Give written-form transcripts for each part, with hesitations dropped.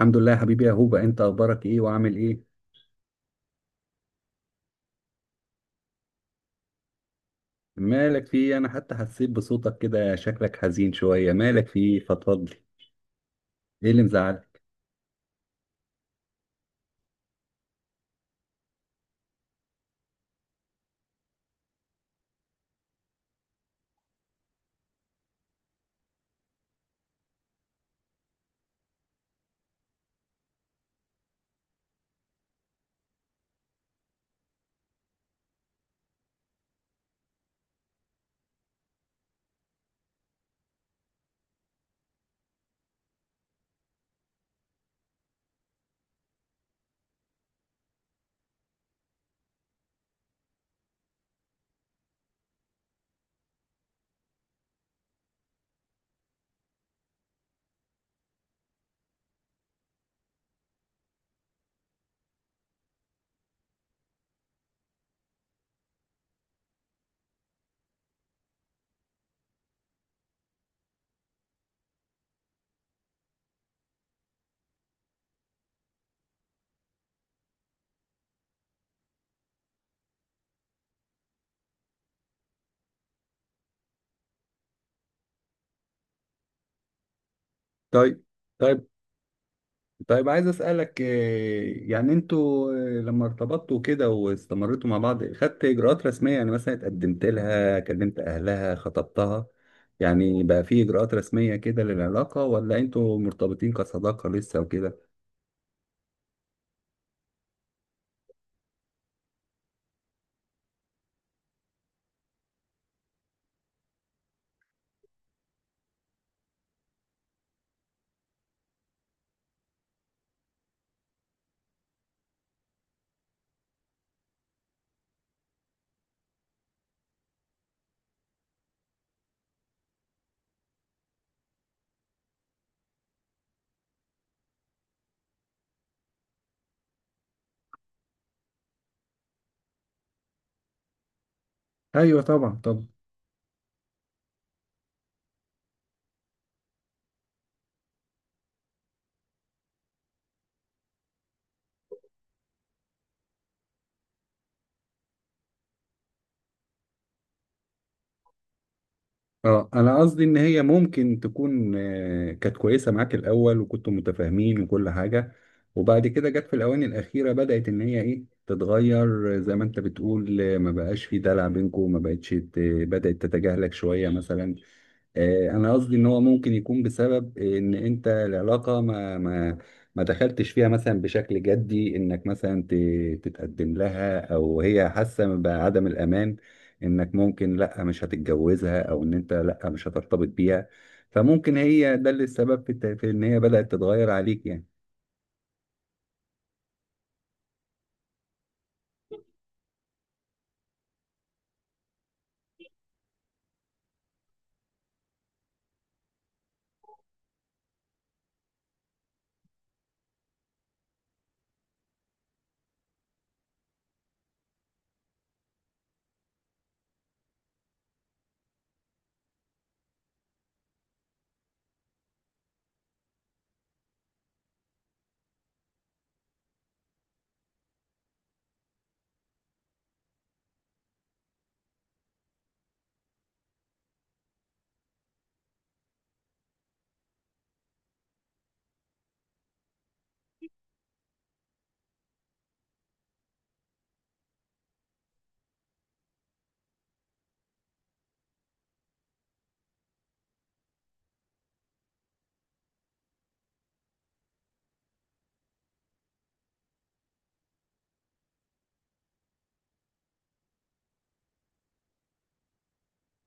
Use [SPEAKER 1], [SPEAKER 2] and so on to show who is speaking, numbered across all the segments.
[SPEAKER 1] الحمد لله يا حبيبي يا هوبا، انت اخبارك ايه وعامل ايه؟ مالك في ايه؟ انا حتى حسيت بصوتك كده شكلك حزين شويه. مالك في ايه؟ فضفضلي. ايه اللي مزعلك؟ طيب، طيب، طيب. عايز اسالك يعني انتوا لما ارتبطتوا كده واستمرتوا مع بعض خدت اجراءات رسميه، يعني مثلا اتقدمت لها كلمت اهلها خطبتها؟ يعني بقى في اجراءات رسميه كده للعلاقه، ولا انتوا مرتبطين كصداقه لسه وكده؟ ايوه، طبعا، طبعا. اه انا قصدي ان هي ممكن تكون، كانت كويسه معاك الاول وكنتوا متفاهمين وكل حاجه، وبعد كده جت في الاواني الاخيره بدات ان هي تتغير، زي ما انت بتقول، ما بقاش في دلع بينكم، ما بقتش بدات تتجاهلك شويه مثلا. انا قصدي ان هو ممكن يكون بسبب ان انت العلاقه ما دخلتش فيها مثلا بشكل جدي، انك مثلا تتقدم لها، او هي حاسه بعدم الامان انك ممكن لا مش هتتجوزها او ان انت لا مش هترتبط بيها. فممكن هي ده اللي السبب في ان هي بدات تتغير عليك يعني.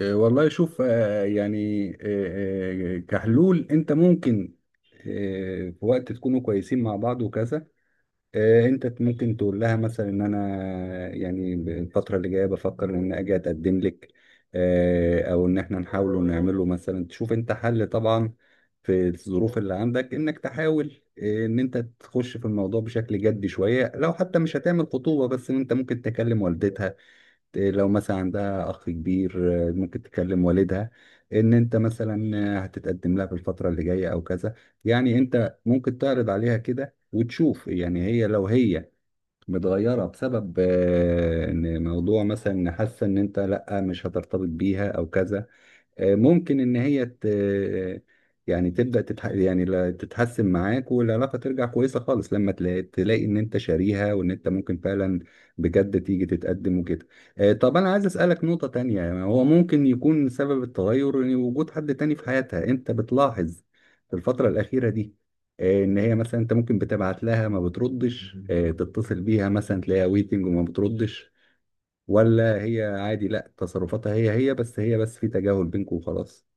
[SPEAKER 1] والله شوف، يعني، كحلول انت ممكن، في وقت تكونوا كويسين مع بعض وكذا، انت ممكن تقول لها مثلا ان انا يعني الفتره اللي جايه بفكر ان اجي اتقدم لك، او ان احنا نحاول نعمله مثلا، تشوف انت حل طبعا في الظروف اللي عندك، انك تحاول، ان انت تخش في الموضوع بشكل جدي شويه، لو حتى مش هتعمل خطوبه بس ان انت ممكن تكلم والدتها. إيه لو مثلا عندها اخ كبير، ممكن تكلم والدها ان انت مثلا، هتتقدم لها في الفتره اللي جايه او كذا. يعني انت ممكن تعرض عليها كده وتشوف، يعني لو هي متغيره بسبب، ان موضوع مثلا إن حاسه ان انت لا مش هترتبط بيها او كذا، ممكن ان هي يعني تبدا يعني تتحسن معاك والعلاقه ترجع كويسه خالص لما تلاقي ان انت شاريها وان انت ممكن فعلا بجد تيجي تتقدم وكده. طب انا عايز اسالك نقطه تانية، يعني هو ممكن يكون سبب التغير إن وجود حد تاني في حياتها؟ انت بتلاحظ في الفتره الاخيره دي، ان هي مثلا انت ممكن بتبعت لها ما بتردش، تتصل بيها مثلا تلاقيها ويتنج وما بتردش، ولا هي عادي، لا تصرفاتها هي بس في تجاهل بينكم وخلاص؟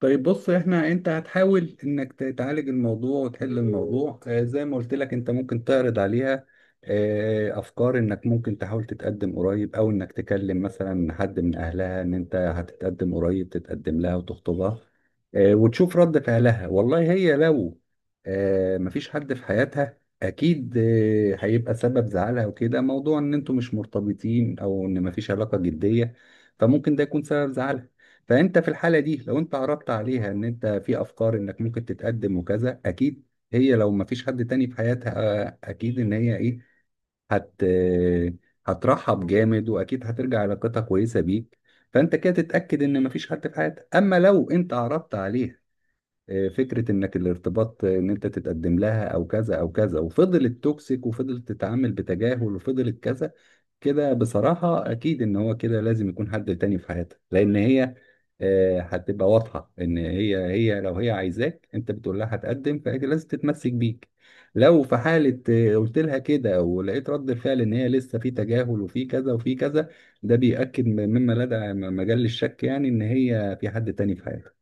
[SPEAKER 1] طيب بص احنا، انت هتحاول انك تعالج الموضوع وتحل الموضوع، زي ما قلت لك انت ممكن تعرض عليها، افكار انك ممكن تحاول تتقدم قريب، او انك تكلم مثلا حد من اهلها ان انت هتتقدم قريب، تتقدم لها وتخطبها، وتشوف رد فعلها. والله هي لو، مفيش حد في حياتها، اكيد هيبقى سبب زعلها وكده موضوع ان انتوا مش مرتبطين او ان مفيش علاقة جدية، فممكن ده يكون سبب زعلها. فانت في الحاله دي لو انت عرضت عليها ان انت في افكار انك ممكن تتقدم وكذا، اكيد هي لو ما فيش حد تاني في حياتها، اكيد ان هي ايه هت آه، هترحب جامد، واكيد هترجع علاقتها كويسه بيك. فانت كده تتاكد ان ما فيش حد في حياتها. اما لو انت عرضت عليها، فكره انك الارتباط، ان انت تتقدم لها او كذا او كذا، وفضلت توكسيك وفضلت تتعامل بتجاهل وفضلت كذا، كده بصراحة أكيد إن هو كده لازم يكون حد تاني في حياتك، لأن هي، هتبقى واضحة إن هي لو هي عايزاك. أنت بتقول لها هتقدم فهي لازم تتمسك بيك. لو في حالة، قلت لها كده ولقيت رد الفعل إن هي لسه في تجاهل وفي كذا وفي كذا، ده بيأكد مما لدى مجال الشك، يعني إن هي في حد تاني في حياتك.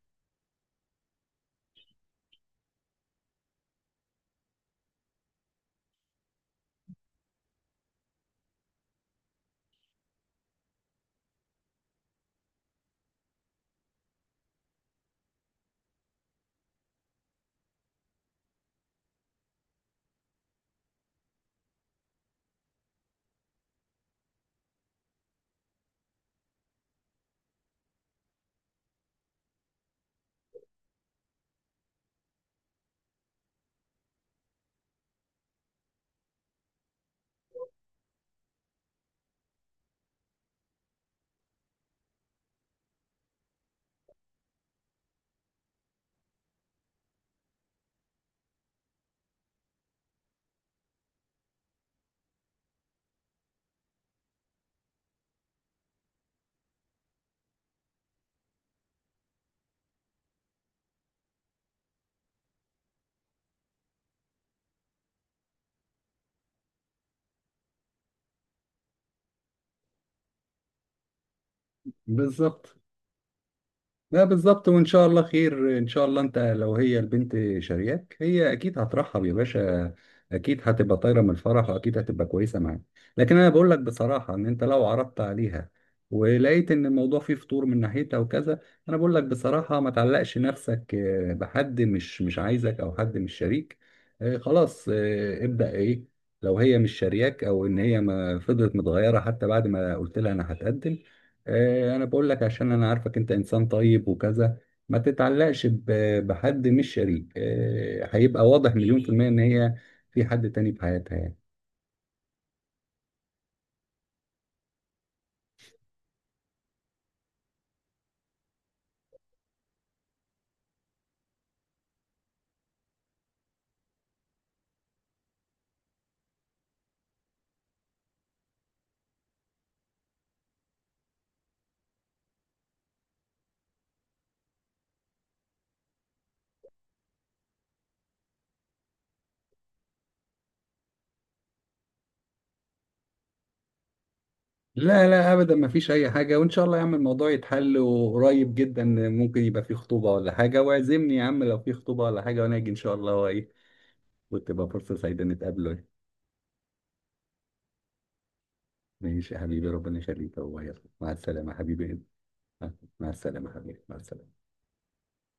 [SPEAKER 1] بالظبط. لا بالظبط، وان شاء الله خير. ان شاء الله انت لو هي البنت شارياك هي اكيد هترحب يا باشا، اكيد هتبقى طايره من الفرح واكيد هتبقى كويسه معاك. لكن انا بقول لك بصراحه، ان انت لو عرضت عليها ولقيت ان الموضوع فيه فطور من ناحيتها وكذا، انا بقول لك بصراحه ما تعلقش نفسك، بحد مش عايزك او حد مش شريك، خلاص، ابدا ايه. لو هي مش شارياك او ان هي ما فضلت متغيره حتى بعد ما قلت لها انا هتقدم، انا بقول لك عشان انا عارفك انت انسان طيب وكذا، ما تتعلقش بحد مش شريك. هيبقى واضح مليون في المية ان هي في حد تاني في حياتها يعني. لا، لا، ابدا ما فيش اي حاجة، وان شاء الله يا عم الموضوع يتحل، وقريب جدا ممكن يبقى في خطوبة ولا حاجة، واعزمني يا عم لو في خطوبة ولا حاجة وانا اجي ان شاء الله، وايه وتبقى فرصة سعيدة نتقابله. ماشي يا حبيبي، ربنا يخليك. هو يلا، مع السلامة يا حبيبي. مع السلامة يا حبيبي، مع السلامة.